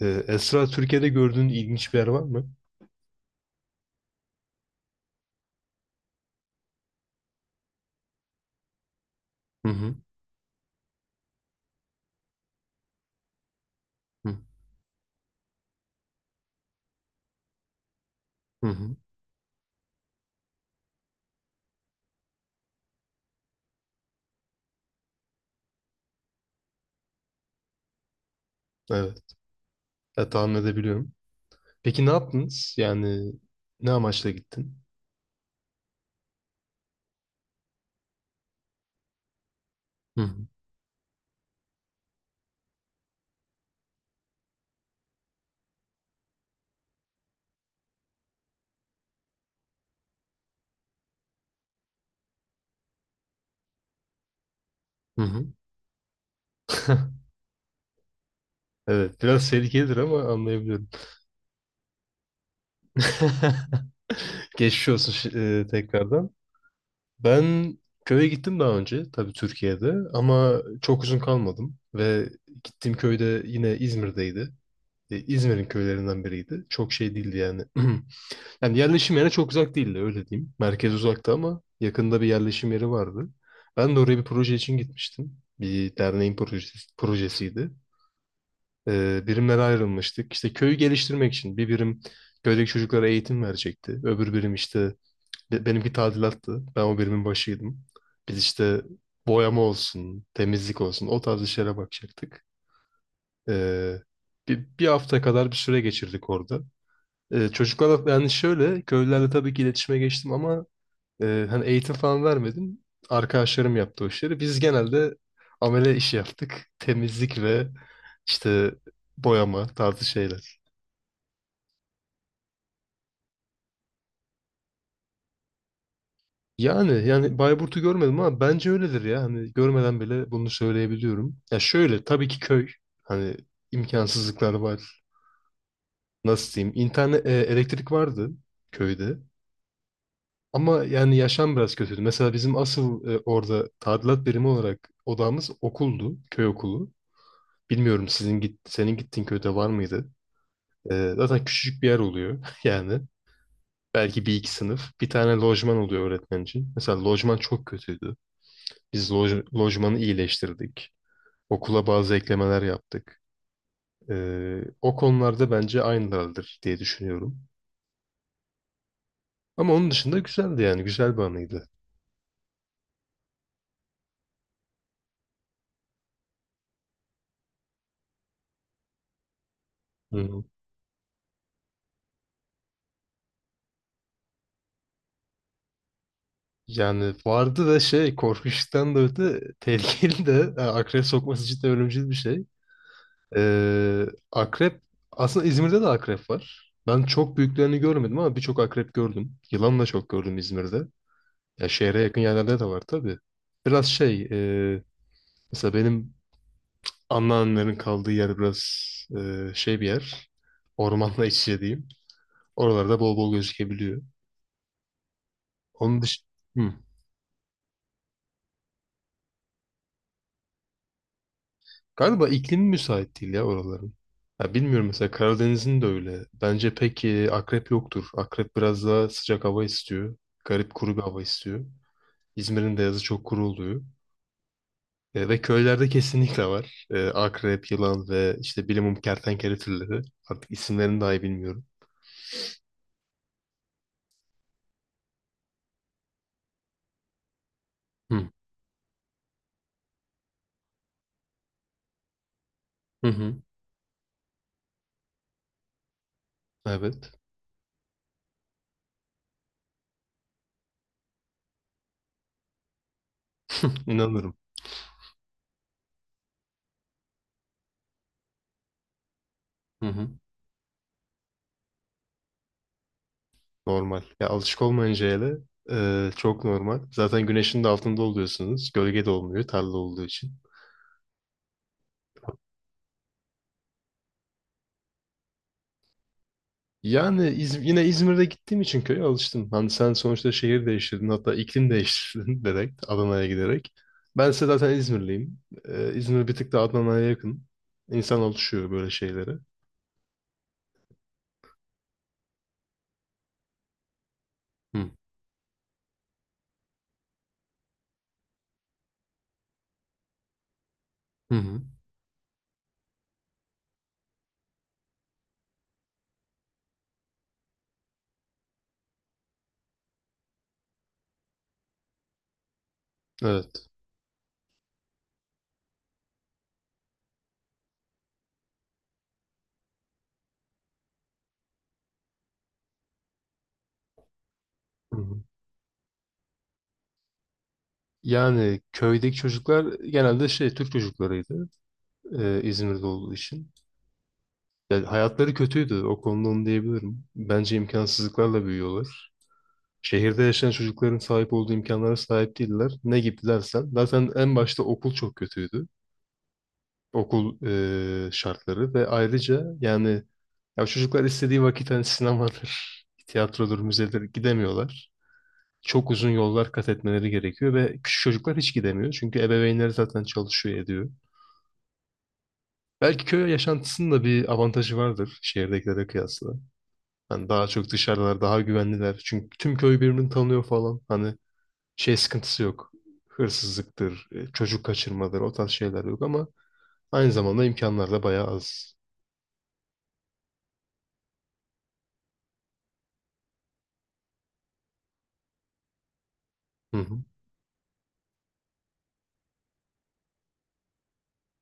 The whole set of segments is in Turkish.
Esra, Türkiye'de gördüğün ilginç bir yer var mı? Hı hı. Hı hı. Hı. Evet. Ya, tahmin edebiliyorum. Peki ne yaptınız? Yani ne amaçla gittin? Hı hı. Hı hı. Evet. Biraz tehlikelidir ama anlayabiliyorum. Geçmiş olsun, tekrardan. Ben köye gittim daha önce. Tabii Türkiye'de. Ama çok uzun kalmadım. Ve gittiğim köyde yine İzmir'deydi. İzmir'in köylerinden biriydi. Çok şey değildi yani. Yani yerleşim yerine çok uzak değildi öyle diyeyim. Merkez uzakta ama yakında bir yerleşim yeri vardı. Ben de oraya bir proje için gitmiştim. Bir derneğin projesiydi. Birimlere ayrılmıştık. İşte köyü geliştirmek için bir birim köydeki çocuklara eğitim verecekti. Öbür birim işte benimki tadilattı. Ben o birimin başıydım. Biz işte boyama olsun, temizlik olsun o tarz işlere bakacaktık. Ee, bir hafta kadar bir süre geçirdik orada. Çocuklarla yani şöyle köylülerle tabii ki iletişime geçtim ama hani eğitim falan vermedim. Arkadaşlarım yaptı o işleri. Biz genelde amele işi yaptık. Temizlik ve işte boyama tarzı şeyler. Yani Bayburt'u görmedim ama bence öyledir ya. Hani görmeden bile bunu söyleyebiliyorum. Ya şöyle tabii ki köy. Hani imkansızlıklar var. Nasıl diyeyim? İnternet, elektrik vardı köyde. Ama yani yaşam biraz kötüydü. Mesela bizim asıl orada tadilat birimi olarak odamız okuldu, köy okulu. Bilmiyorum sizin git senin gittiğin köyde var mıydı? Zaten küçücük bir yer oluyor yani. Belki bir iki sınıf. Bir tane lojman oluyor öğretmen için. Mesela lojman çok kötüydü. Biz lojmanı iyileştirdik. Okula bazı eklemeler yaptık. O konularda bence aynılardır diye düşünüyorum. Ama onun dışında güzeldi yani. Güzel bir anıydı. Hı. Yani vardı da şey korkunçtan da öte tehlikeli de yani akrep sokması cidden ölümcül bir şey. Ee, akrep aslında İzmir'de de akrep var. Ben çok büyüklerini görmedim ama birçok akrep gördüm. Yılan da çok gördüm İzmir'de. Ya şehre yakın yerlerde de var tabii. Biraz şey e, mesela benim anneannemlerin kaldığı yer biraz şey bir yer. Ormanla iç içe diyeyim. Oralarda bol bol gözükebiliyor. Onun dışında... Galiba iklimi müsait değil ya oraların. Ya bilmiyorum mesela Karadeniz'in de öyle. Bence pek akrep yoktur. Akrep biraz daha sıcak hava istiyor. Garip kuru bir hava istiyor. İzmir'in de yazı çok kuru oluyor. Ve köylerde kesinlikle var. Akrep, yılan ve işte bilimum kertenkele türleri. Artık isimlerini dahi bilmiyorum. Hı. Hı hı. Evet. İnanırım. Hı hı. Normal. Ya alışık olmayınca hele çok normal. Zaten güneşin de altında oluyorsunuz. Gölge de olmuyor tarla olduğu için. Yani yine İzmir'de gittiğim için köye alıştım. Hani sen sonuçta şehir değiştirdin hatta iklim değiştirdin direkt Adana'ya giderek. Ben ise zaten İzmirliyim. İzmir bir tık da Adana'ya yakın. İnsan alışıyor böyle şeylere. Hı. Hı hı. Evet. Hı hı. Yani köydeki çocuklar genelde şey Türk çocuklarıydı İzmir'de olduğu için. Yani hayatları kötüydü o konuda onu diyebilirim. Bence imkansızlıklarla büyüyorlar. Şehirde yaşayan çocukların sahip olduğu imkanlara sahip değiller. Ne gibi dersen. Zaten en başta okul çok kötüydü. Okul şartları ve ayrıca yani ya çocuklar istediği vakit hani sinemadır, tiyatrodur, müzedir gidemiyorlar. Çok uzun yollar kat etmeleri gerekiyor ve küçük çocuklar hiç gidemiyor. Çünkü ebeveynleri zaten çalışıyor ediyor. Belki köy yaşantısının da bir avantajı vardır şehirdekilere kıyasla. Hani daha çok dışarıdalar, daha güvenliler. Çünkü tüm köy birbirini tanıyor falan. Hani şey sıkıntısı yok. Hırsızlıktır, çocuk kaçırmadır o tarz şeyler yok ama aynı zamanda imkanlar da bayağı az. Hı hı.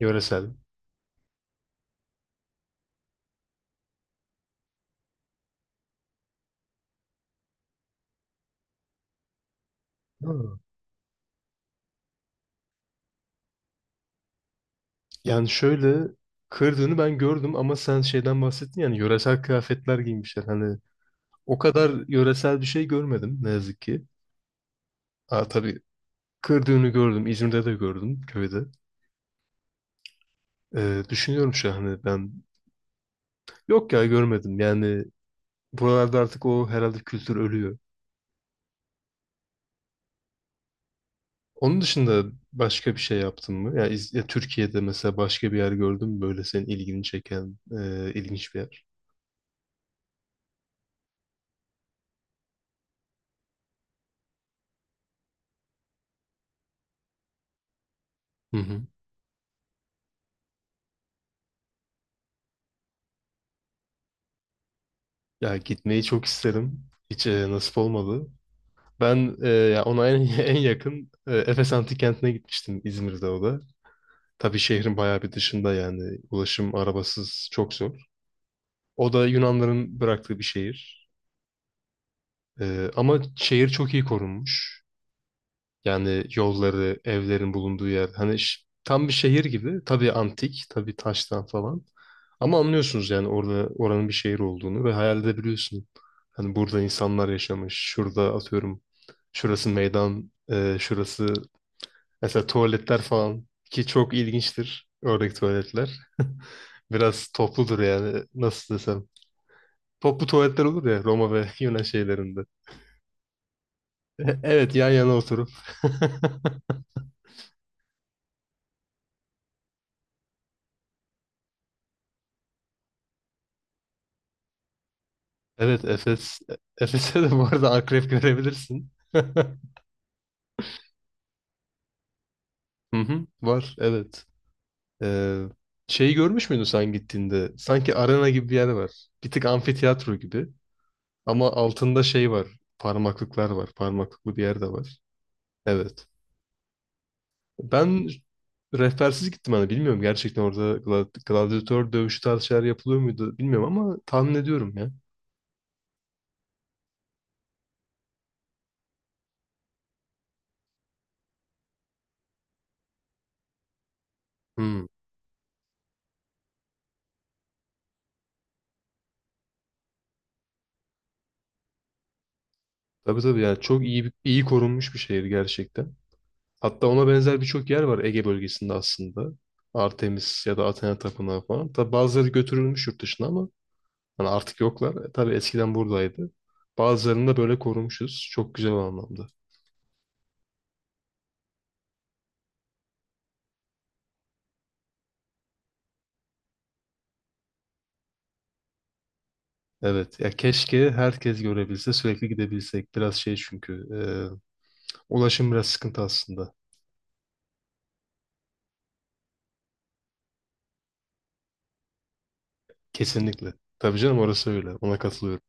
Yöresel. Ha. Yani şöyle kırdığını ben gördüm ama sen şeyden bahsettin yani yöresel kıyafetler giymişler. Hani o kadar yöresel bir şey görmedim ne yazık ki. Aa, tabii kırdığını gördüm. İzmir'de de gördüm köyde. Düşünüyorum şu an hani ben yok ya görmedim. Yani buralarda artık o herhalde kültür ölüyor. Onun dışında başka bir şey yaptın mı? Ya, Türkiye'de mesela başka bir yer gördün mü böyle senin ilgini çeken ilginç bir yer? Hı hı. Ya gitmeyi çok isterim. Hiç nasip olmadı. Ben, en yakın Efes Antik Kenti'ne gitmiştim İzmir'de o da. Tabii şehrin bayağı bir dışında yani ulaşım arabasız çok zor. O da Yunanların bıraktığı bir şehir. Ama şehir çok iyi korunmuş. Yani yolları, evlerin bulunduğu yer. Hani tam bir şehir gibi. Tabii antik, tabii taştan falan. Ama anlıyorsunuz yani orada oranın bir şehir olduğunu ve hayal edebiliyorsun. Hani burada insanlar yaşamış. Şurada atıyorum. Şurası meydan, şurası mesela tuvaletler falan ki çok ilginçtir oradaki tuvaletler. Biraz topludur yani nasıl desem. Toplu tuvaletler olur ya Roma ve Yunan şeylerinde. Evet, yan yana oturup. Evet, Efes'e de bu arada akrep görebilirsin. Hı hı, var evet. Ee, Şeyi görmüş müydün sen gittiğinde? Sanki arena gibi bir yer var. Bir tık amfiteyatro gibi. Ama altında şey var. Parmaklıklar var. Parmaklıklı bir yer de var. Evet. Ben rehbersiz gittim hani bilmiyorum gerçekten orada gladyatör dövüşü tarzı şeyler yapılıyor muydu bilmiyorum ama tahmin ediyorum ya. Hmm. Tabii, tabii, yani çok iyi korunmuş bir şehir gerçekten. Hatta ona benzer birçok yer var Ege bölgesinde aslında. Artemis ya da Athena Tapınağı falan. Tabii bazıları götürülmüş yurt dışına ama hani artık yoklar. Tabii eskiden buradaydı. Bazılarını da böyle korumuşuz. Çok güzel o anlamda. Evet ya keşke herkes görebilse sürekli gidebilsek. Biraz şey çünkü ulaşım biraz sıkıntı aslında. Kesinlikle. Tabii canım orası öyle. Ona katılıyorum.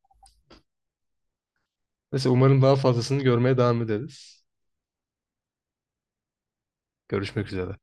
Neyse umarım daha fazlasını görmeye devam ederiz. Görüşmek üzere.